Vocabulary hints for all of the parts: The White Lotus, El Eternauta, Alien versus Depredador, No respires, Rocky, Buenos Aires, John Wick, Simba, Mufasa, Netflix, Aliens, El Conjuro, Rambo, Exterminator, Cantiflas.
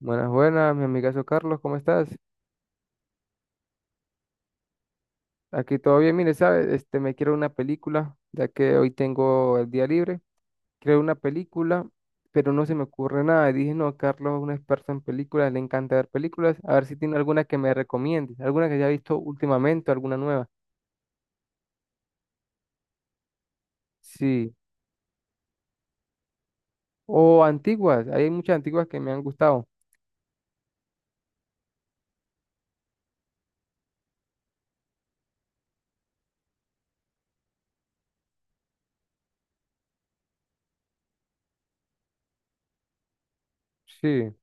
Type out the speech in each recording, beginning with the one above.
Buenas, buenas, mi amigazo Carlos, ¿cómo estás? Aquí todo bien, mire, ¿sabes? Me quiero una película, ya que hoy tengo el día libre. Quiero una película, pero no se me ocurre nada. Y dije, no, Carlos es un experto en películas, le encanta ver películas. A ver si tiene alguna que me recomiende, alguna que haya visto últimamente, alguna nueva. Sí. O antiguas, hay muchas antiguas que me han gustado. Sí.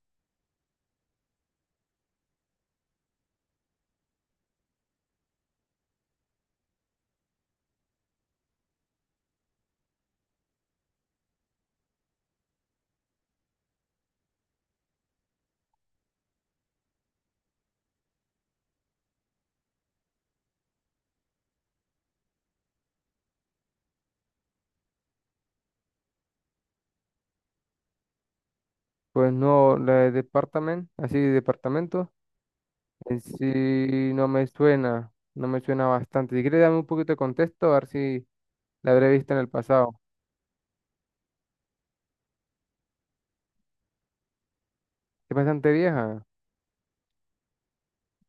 Pues no, la de Departament, así, Departamento. En sí no me suena, no me suena bastante. Si quieres dame un poquito de contexto, a ver si la habré visto en el pasado. Es bastante vieja.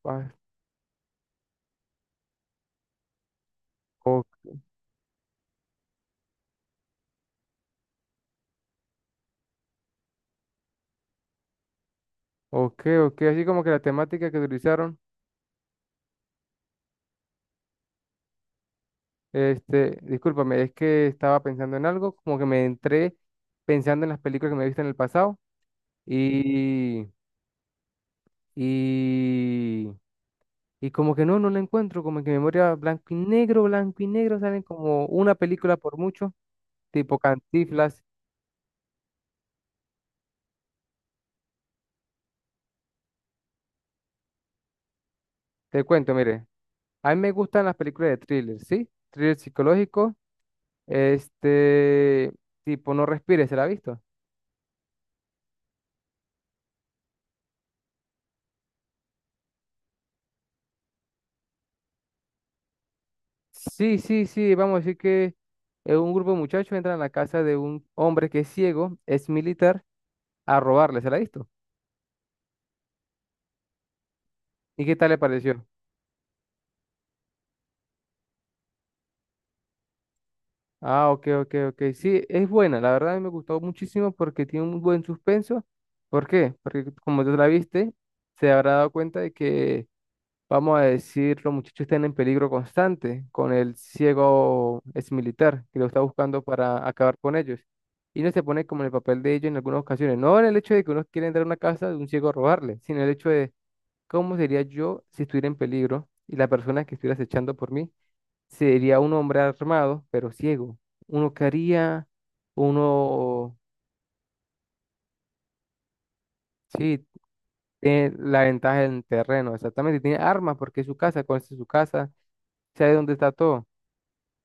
Ah, o- ok, ok, así como que la temática que utilizaron, discúlpame, es que estaba pensando en algo, como que me entré pensando en las películas que me he visto en el pasado y, y, y como que no, no la encuentro, como que memoria blanco y negro, salen como una película por mucho, tipo Cantiflas. Te cuento, mire. A mí me gustan las películas de thriller, ¿sí? Thriller psicológico. Este, tipo, No respires, ¿se la ha visto? Sí, sí, sí, vamos a decir que un grupo de muchachos entran a la casa de un hombre que es ciego, es militar, a robarle, ¿se la ha visto? ¿Y qué tal le pareció? Ah, ok, ok, ok. Sí, es buena, la verdad a mí me gustó muchísimo porque tiene un buen suspenso. ¿Por qué? Porque como tú la viste, se habrá dado cuenta de que, vamos a decir, los muchachos están en peligro constante con el ciego exmilitar que lo está buscando para acabar con ellos. Y uno se pone como en el papel de ellos en algunas ocasiones, no en el hecho de que uno quiere entrar a una casa de un ciego a robarle, sino el hecho de cómo sería yo si estuviera en peligro y la persona que estuviera acechando por mí sería un hombre armado, pero ciego. Uno que haría, uno... Sí, tiene la ventaja en terreno, exactamente, tiene armas porque es su casa, conoce su casa, sabe dónde está todo.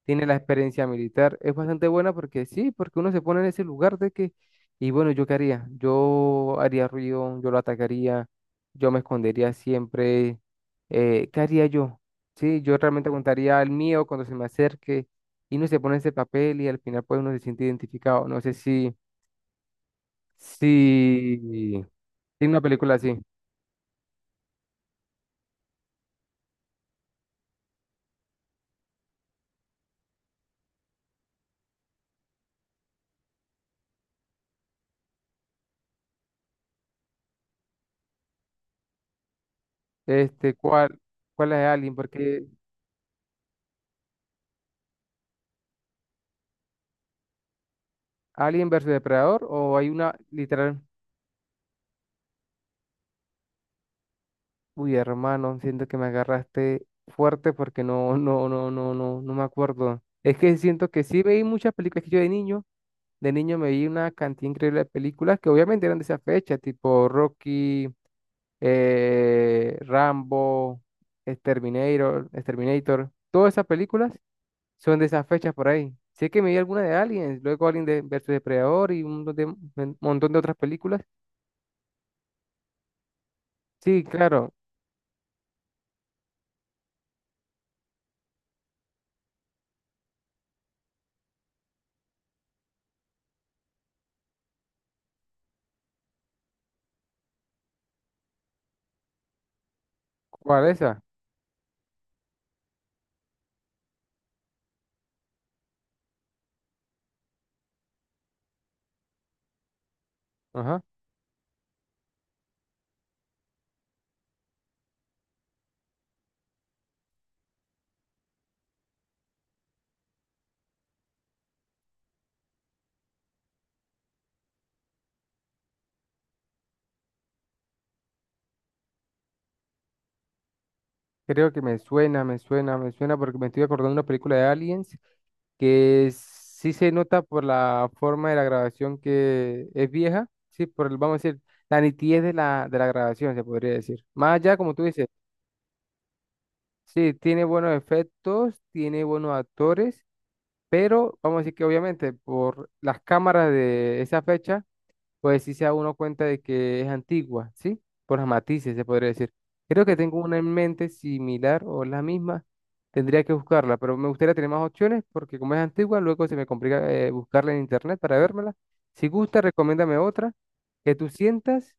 Tiene la experiencia militar. Es bastante buena porque sí, porque uno se pone en ese lugar de que, y bueno, ¿yo qué haría? Yo haría ruido, yo lo atacaría, yo me escondería siempre. ¿ Qué haría yo? Sí, yo realmente contaría el mío cuando se me acerque y uno se pone en ese papel y al final pues uno se siente identificado. No sé si tiene una película así. Este, ¿cuál, cuál es Alien? Porque Alien versus Depredador o hay una literal... Uy, hermano, siento que me agarraste fuerte porque no, no, no, no, no, no me acuerdo. Es que siento que sí veí muchas películas que yo de niño me vi una cantidad increíble de películas que obviamente eran de esa fecha, tipo Rocky, Rambo, Exterminator, Exterminator. Todas esas películas son de esas fechas por ahí. Sé que me vi alguna de Aliens, luego Alien de versus Depredador y un montón de otras películas. Sí, claro, ¿cuál es esa? Ajá. Creo que me suena, me suena, me suena porque me estoy acordando de una película de Aliens que sí se nota por la forma de la grabación que es vieja, sí, por el, vamos a decir, la nitidez de de la grabación, se podría decir. Más allá, como tú dices, sí, tiene buenos efectos, tiene buenos actores, pero vamos a decir que obviamente por las cámaras de esa fecha pues sí se da uno cuenta de que es antigua, ¿sí? Por los matices, se podría decir. Creo que tengo una en mente similar o la misma. Tendría que buscarla, pero me gustaría tener más opciones porque como es antigua, luego se me complica buscarla en internet para vérmela. Si gusta, recomiéndame otra que tú sientas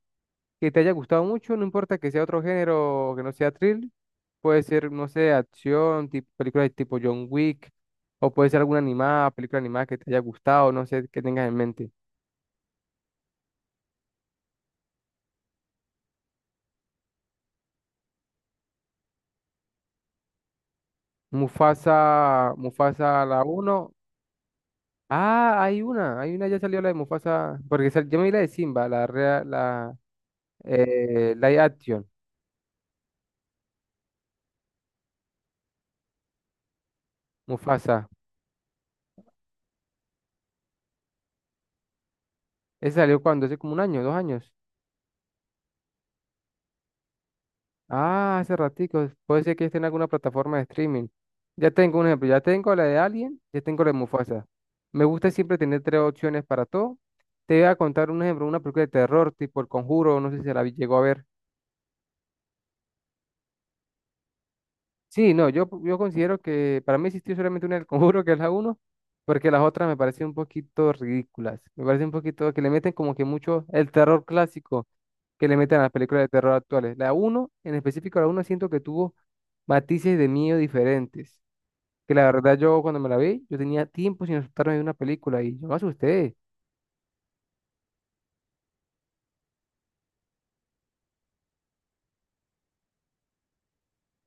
que te haya gustado mucho, no importa que sea otro género o que no sea thrill. Puede ser, no sé, acción, tipo, películas tipo John Wick, o puede ser alguna animada, película animada que te haya gustado, no sé, que tengas en mente. Mufasa, Mufasa la uno. Ah, hay una, hay una, ya salió la de Mufasa, porque yo me vi la de Simba, la real, la live action, Mufasa. Esa salió cuando, ¿hace como un año, dos años? Ah, hace ratico, puede ser que esté en alguna plataforma de streaming. Ya tengo un ejemplo, ya tengo la de Alien, ya tengo la de Mufasa. Me gusta siempre tener tres opciones para todo. Te voy a contar un ejemplo, una película de terror tipo El Conjuro, no sé si llegó a ver. Sí, no, yo considero que para mí existió solamente una del Conjuro, que es la uno, porque las otras me parecen un poquito ridículas. Me parece un poquito que le meten como que mucho el terror clásico que le meten a las películas de terror actuales. La uno, en específico, la uno, siento que tuvo matices de miedo diferentes. Que la verdad yo cuando me la vi, yo tenía tiempo sin asustarme de una película y yo me asusté.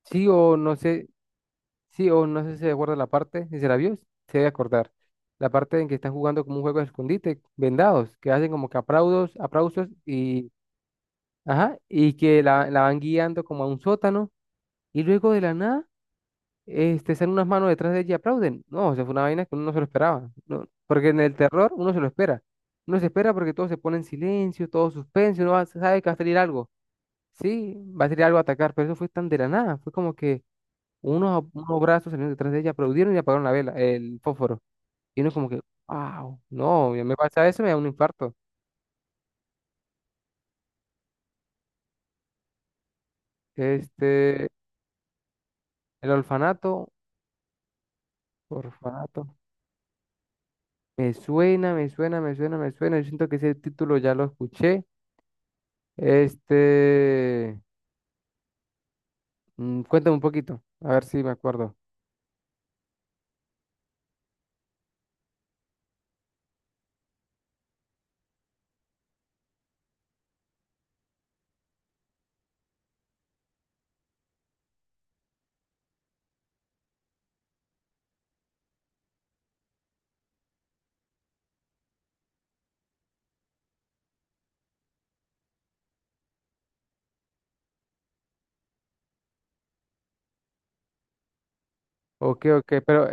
Sí o no sé, sí, o no sé si se acuerda la parte, si se la vio, se debe acordar. La parte en que están jugando como un juego de escondite, vendados, que hacen como que aplausos, aplausos y, ajá, y que la van guiando como a un sótano y luego de la nada, salen unas manos detrás de ella y aplauden. No, o sea, fue una vaina que uno no se lo esperaba, no, porque en el terror uno se lo espera. Uno se espera porque todo se pone en silencio, todo suspenso, sabe que va a salir algo. Sí, va a salir algo a atacar, pero eso fue tan de la nada, fue como que unos, unos brazos salieron detrás de ella, aplaudieron y apagaron la vela, el fósforo. Y uno como que, wow, no, ya me pasa eso, me da un infarto. Este, el orfanato, orfanato, me suena, me suena, me suena, me suena. Yo siento que ese título ya lo escuché. Este, mm, cuéntame un poquito, a ver si me acuerdo. Ok, ok, pero,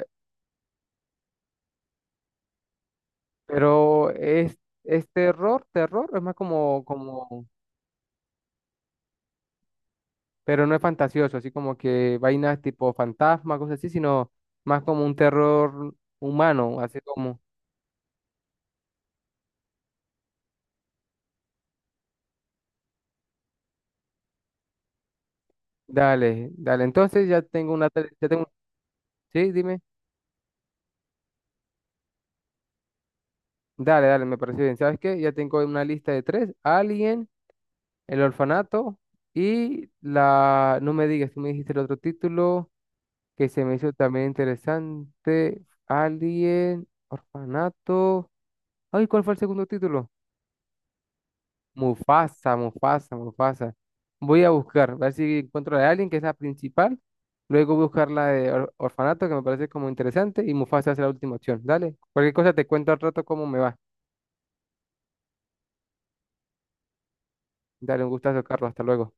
pero es, es terror, terror, es más como, como, pero no es fantasioso, así como que vainas tipo fantasma, cosas así, sino más como un terror humano, así como... Dale, dale, entonces ya tengo una, ya tengo, sí, dime, dale, dale, me parece bien, ¿sabes qué? Ya tengo una lista de tres, Alien, El Orfanato y la, no me digas, tú me dijiste el otro título que se me hizo también interesante, Alien, Orfanato, ay, ¿cuál fue el segundo título? Mufasa, Mufasa, Mufasa. Voy a buscar, a ver si encuentro a alguien que es la principal. Luego voy a buscar la de orfanato, que me parece como interesante, y Mufasa es la última opción. Dale, cualquier cosa te cuento al rato cómo me va. Dale, un gustazo, Carlos, hasta luego.